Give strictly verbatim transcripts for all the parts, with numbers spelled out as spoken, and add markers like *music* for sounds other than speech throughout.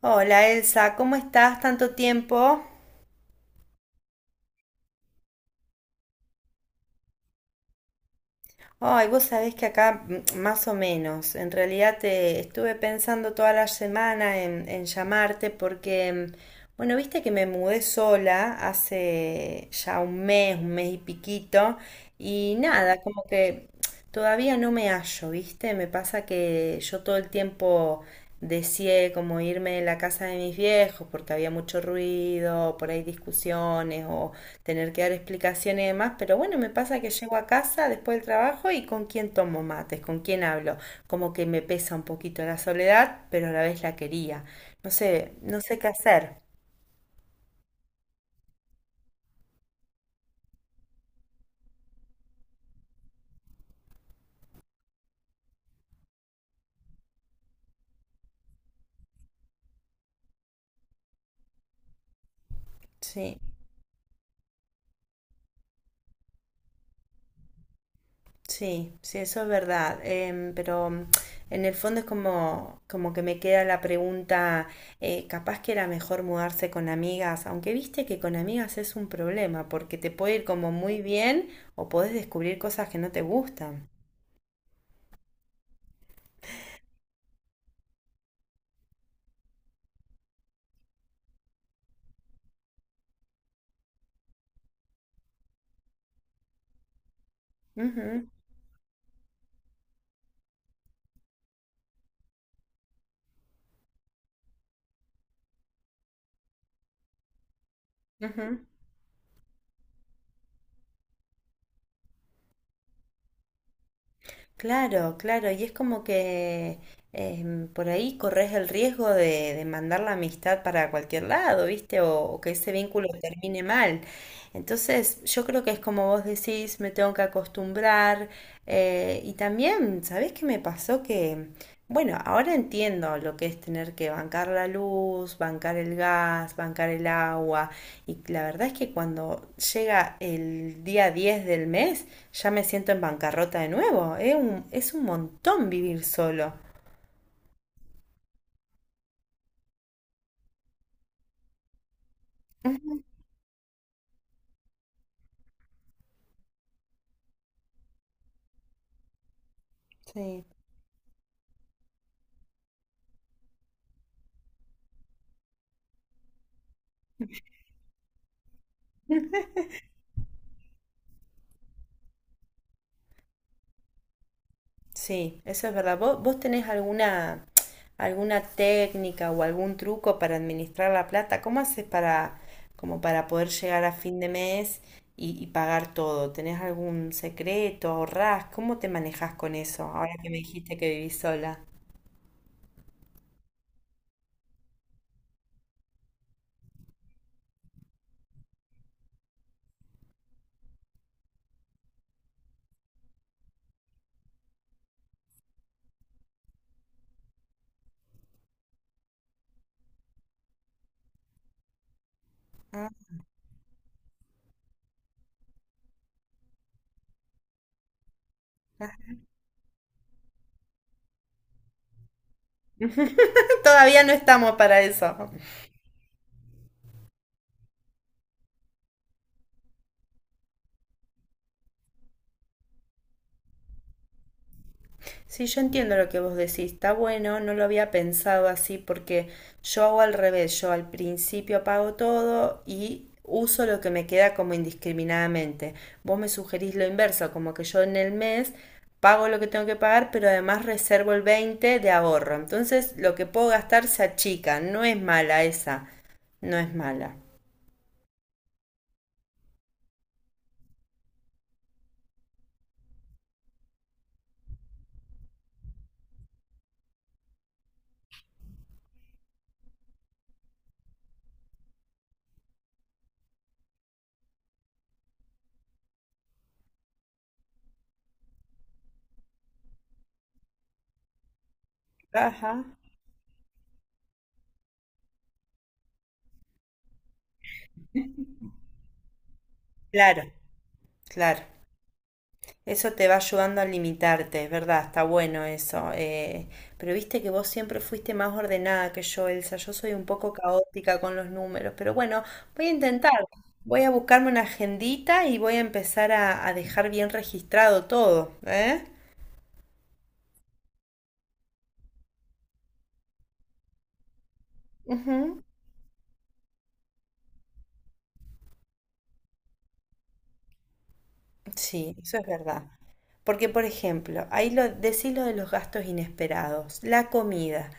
Hola, Elsa, ¿cómo estás? ¿Tanto tiempo? Ay, vos sabés que acá mm, más o menos. En realidad te estuve pensando toda la semana en, en llamarte porque, mm, bueno, viste que me mudé sola hace ya un mes, un mes y piquito, y nada, como que todavía no me hallo, ¿viste? Me pasa que yo todo el tiempo deseé como irme de la casa de mis viejos porque había mucho ruido, por ahí discusiones o tener que dar explicaciones y demás, pero bueno, me pasa que llego a casa después del trabajo y con quién tomo mates, con quién hablo, como que me pesa un poquito la soledad, pero a la vez la quería. No sé, no sé qué hacer. Sí. Sí, sí, eso es verdad. Em, pero mm, en el fondo es como, como que me queda la pregunta, eh, capaz que era mejor mudarse con amigas, aunque viste que con amigas es un problema, porque te puede ir como muy bien o podés descubrir cosas que no te gustan. Ujú, ujú. Claro, claro, y es como que em, por ahí corres el riesgo de, de mandar la amistad para cualquier lado, ¿viste? O, o que ese vínculo termine mal. Entonces, yo creo que es como vos decís, me tengo que acostumbrar. eh, y también, ¿sabés qué me pasó? Que, bueno, ahora entiendo lo que es tener que bancar la luz, bancar el gas, bancar el agua. Y la verdad es que cuando llega el día diez del mes, ya me siento en bancarrota de nuevo. Es un, es un montón vivir solo. Ujú. Sí. Sí, eso es verdad. ¿Vos, vos tenés alguna, alguna, técnica o algún truco para administrar la plata? ¿Cómo haces para, como para poder llegar a fin de mes y, y pagar todo? ¿Tenés algún secreto? ¿Ahorrás? ¿Cómo te manejas con eso ahora que me dijiste que vivís sola? Ah. *laughs* Todavía no estamos para eso. Sí, yo entiendo lo que vos decís, está bueno, no lo había pensado así porque yo hago al revés, yo al principio apago todo y uso lo que me queda como indiscriminadamente. Vos me sugerís lo inverso, como que yo en el mes pago lo que tengo que pagar, pero además reservo el veinte de ahorro. Entonces, lo que puedo gastar se achica, no es mala esa, no es mala. Ajá. Claro, claro. Eso te va ayudando a limitarte, es verdad, está bueno eso. eh, pero viste que vos siempre fuiste más ordenada que yo, Elsa. Yo soy un poco caótica con los números, pero bueno, voy a intentar. Voy a buscarme una agendita y voy a empezar a, a dejar bien registrado todo, ¿eh? Ujú. Sí, eso es verdad. Porque, por ejemplo, ahí lo, decís lo de los gastos inesperados, la comida.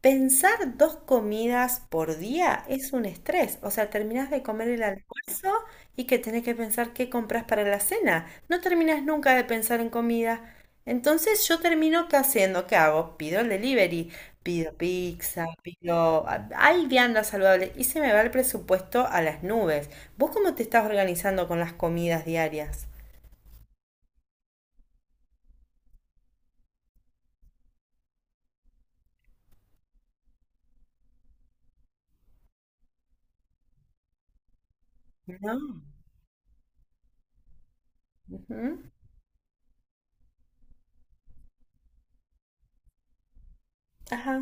Pensar dos comidas por día es un estrés. O sea, terminás de comer el almuerzo y que tenés que pensar qué compras para la cena. No terminás nunca de pensar en comida. Entonces yo termino qué haciendo, ¿qué hago? Pido el delivery, pido pizza, pido... a- hay vianda saludable y se me va el presupuesto a las nubes. ¿Vos cómo te estás organizando con las comidas diarias? No. Ujú. Ajá.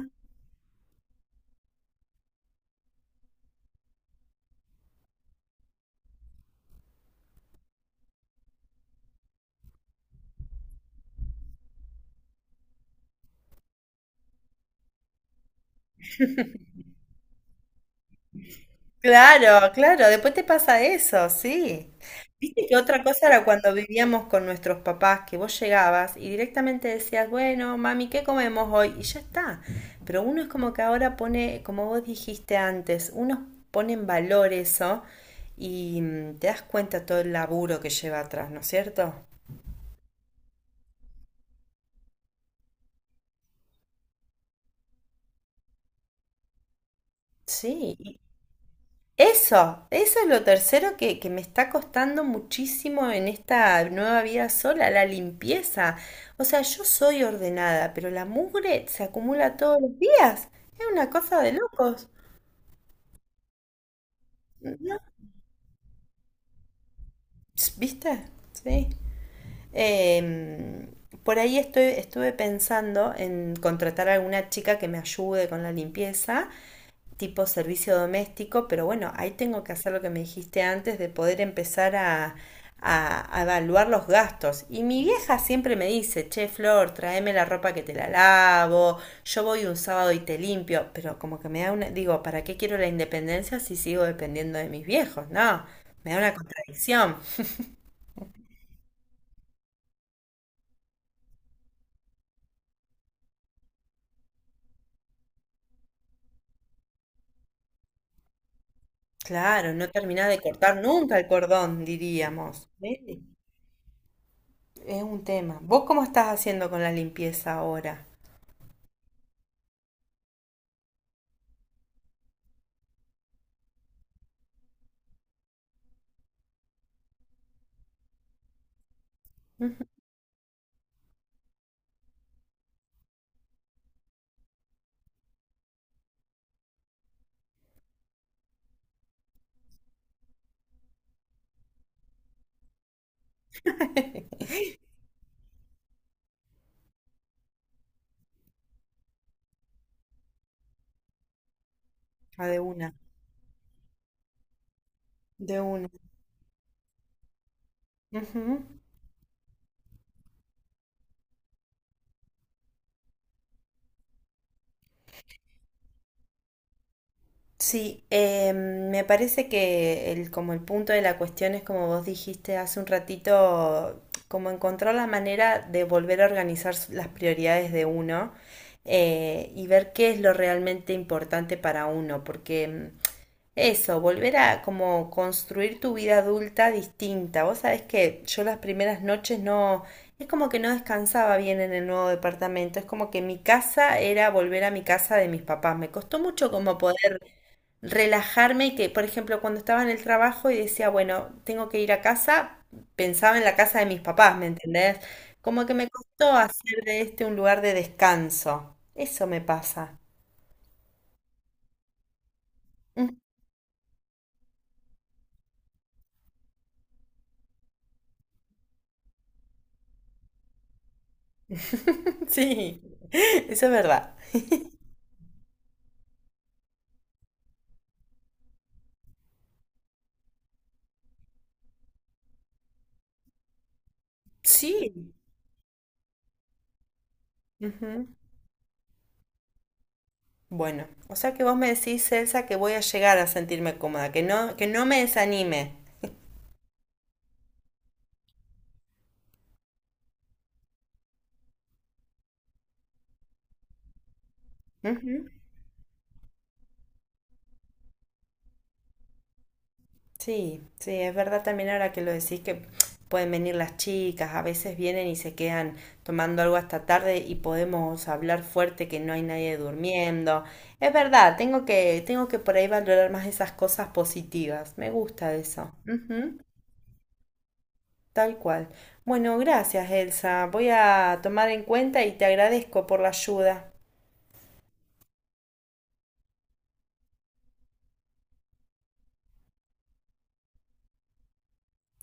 Claro, claro, después te pasa eso, sí. Viste que otra cosa era cuando vivíamos con nuestros papás, que vos llegabas y directamente decías, bueno, mami, ¿qué comemos hoy? Y ya está. Pero uno es como que ahora pone, como vos dijiste antes, uno pone en valor eso y mm, te das cuenta todo el laburo que lleva atrás, ¿no es cierto? Sí. Eso, eso es lo tercero que, que me está costando muchísimo en esta nueva vida sola, la limpieza. O sea, yo soy ordenada, pero la mugre se acumula todos los días. Es una cosa de locos. ¿No? Ps, ¿viste? Sí. Em, por ahí estoy, estuve pensando en contratar a alguna chica que me ayude con la limpieza, tipo servicio doméstico, pero bueno, ahí tengo que hacer lo que me dijiste antes de poder empezar a, a, a evaluar los gastos. Y mi vieja siempre me dice, che, Flor, tráeme la ropa que te la lavo, yo voy un sábado y te limpio, pero como que me da una, digo, ¿para qué quiero la independencia si sigo dependiendo de mis viejos? No, me da una contradicción. Claro, no terminás de cortar nunca el cordón, diríamos. ¿Ves? Es un tema. ¿Vos cómo estás haciendo con la limpieza ahora? Ah, de una, de una. Ujú. Sí, eh, me parece que el, como el punto de la cuestión es como vos dijiste hace un ratito, como encontrar la manera de volver a organizar s- las prioridades de uno eh, y ver qué es lo realmente importante para uno, porque em, eso, volver a como construir tu vida adulta distinta. Vos sabés que yo las primeras noches no, es como que no descansaba bien en el nuevo departamento, es como que mi casa era volver a mi casa de mis papás. Me costó mucho como poder relajarme y que, por ejemplo, cuando estaba en el trabajo y decía, bueno, tengo que ir a casa, pensaba en la casa de mis papás, ¿me entendés? Como que me costó hacer de este un lugar de descanso. Eso me pasa. *laughs* Sí, eso es verdad. Sí. Ujú. Bueno, o sea que vos me decís, Elsa, que voy a llegar a sentirme cómoda, que no, que no me desanime. Ujú. Sí, sí, es verdad también ahora que lo decís que pueden venir las chicas, a veces vienen y se quedan tomando algo hasta tarde y podemos hablar fuerte que no hay nadie durmiendo. Es verdad, tengo que, tengo que por ahí valorar más esas cosas positivas. Me gusta eso. Ujú. Tal cual. Bueno, gracias, Elsa. Voy a tomar en cuenta y te agradezco por la ayuda.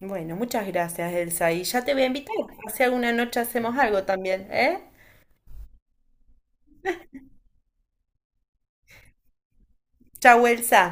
Bueno, muchas gracias, Elsa. Y ya te voy a invitar. Si alguna noche hacemos algo también, ¿eh? Chau, Elsa.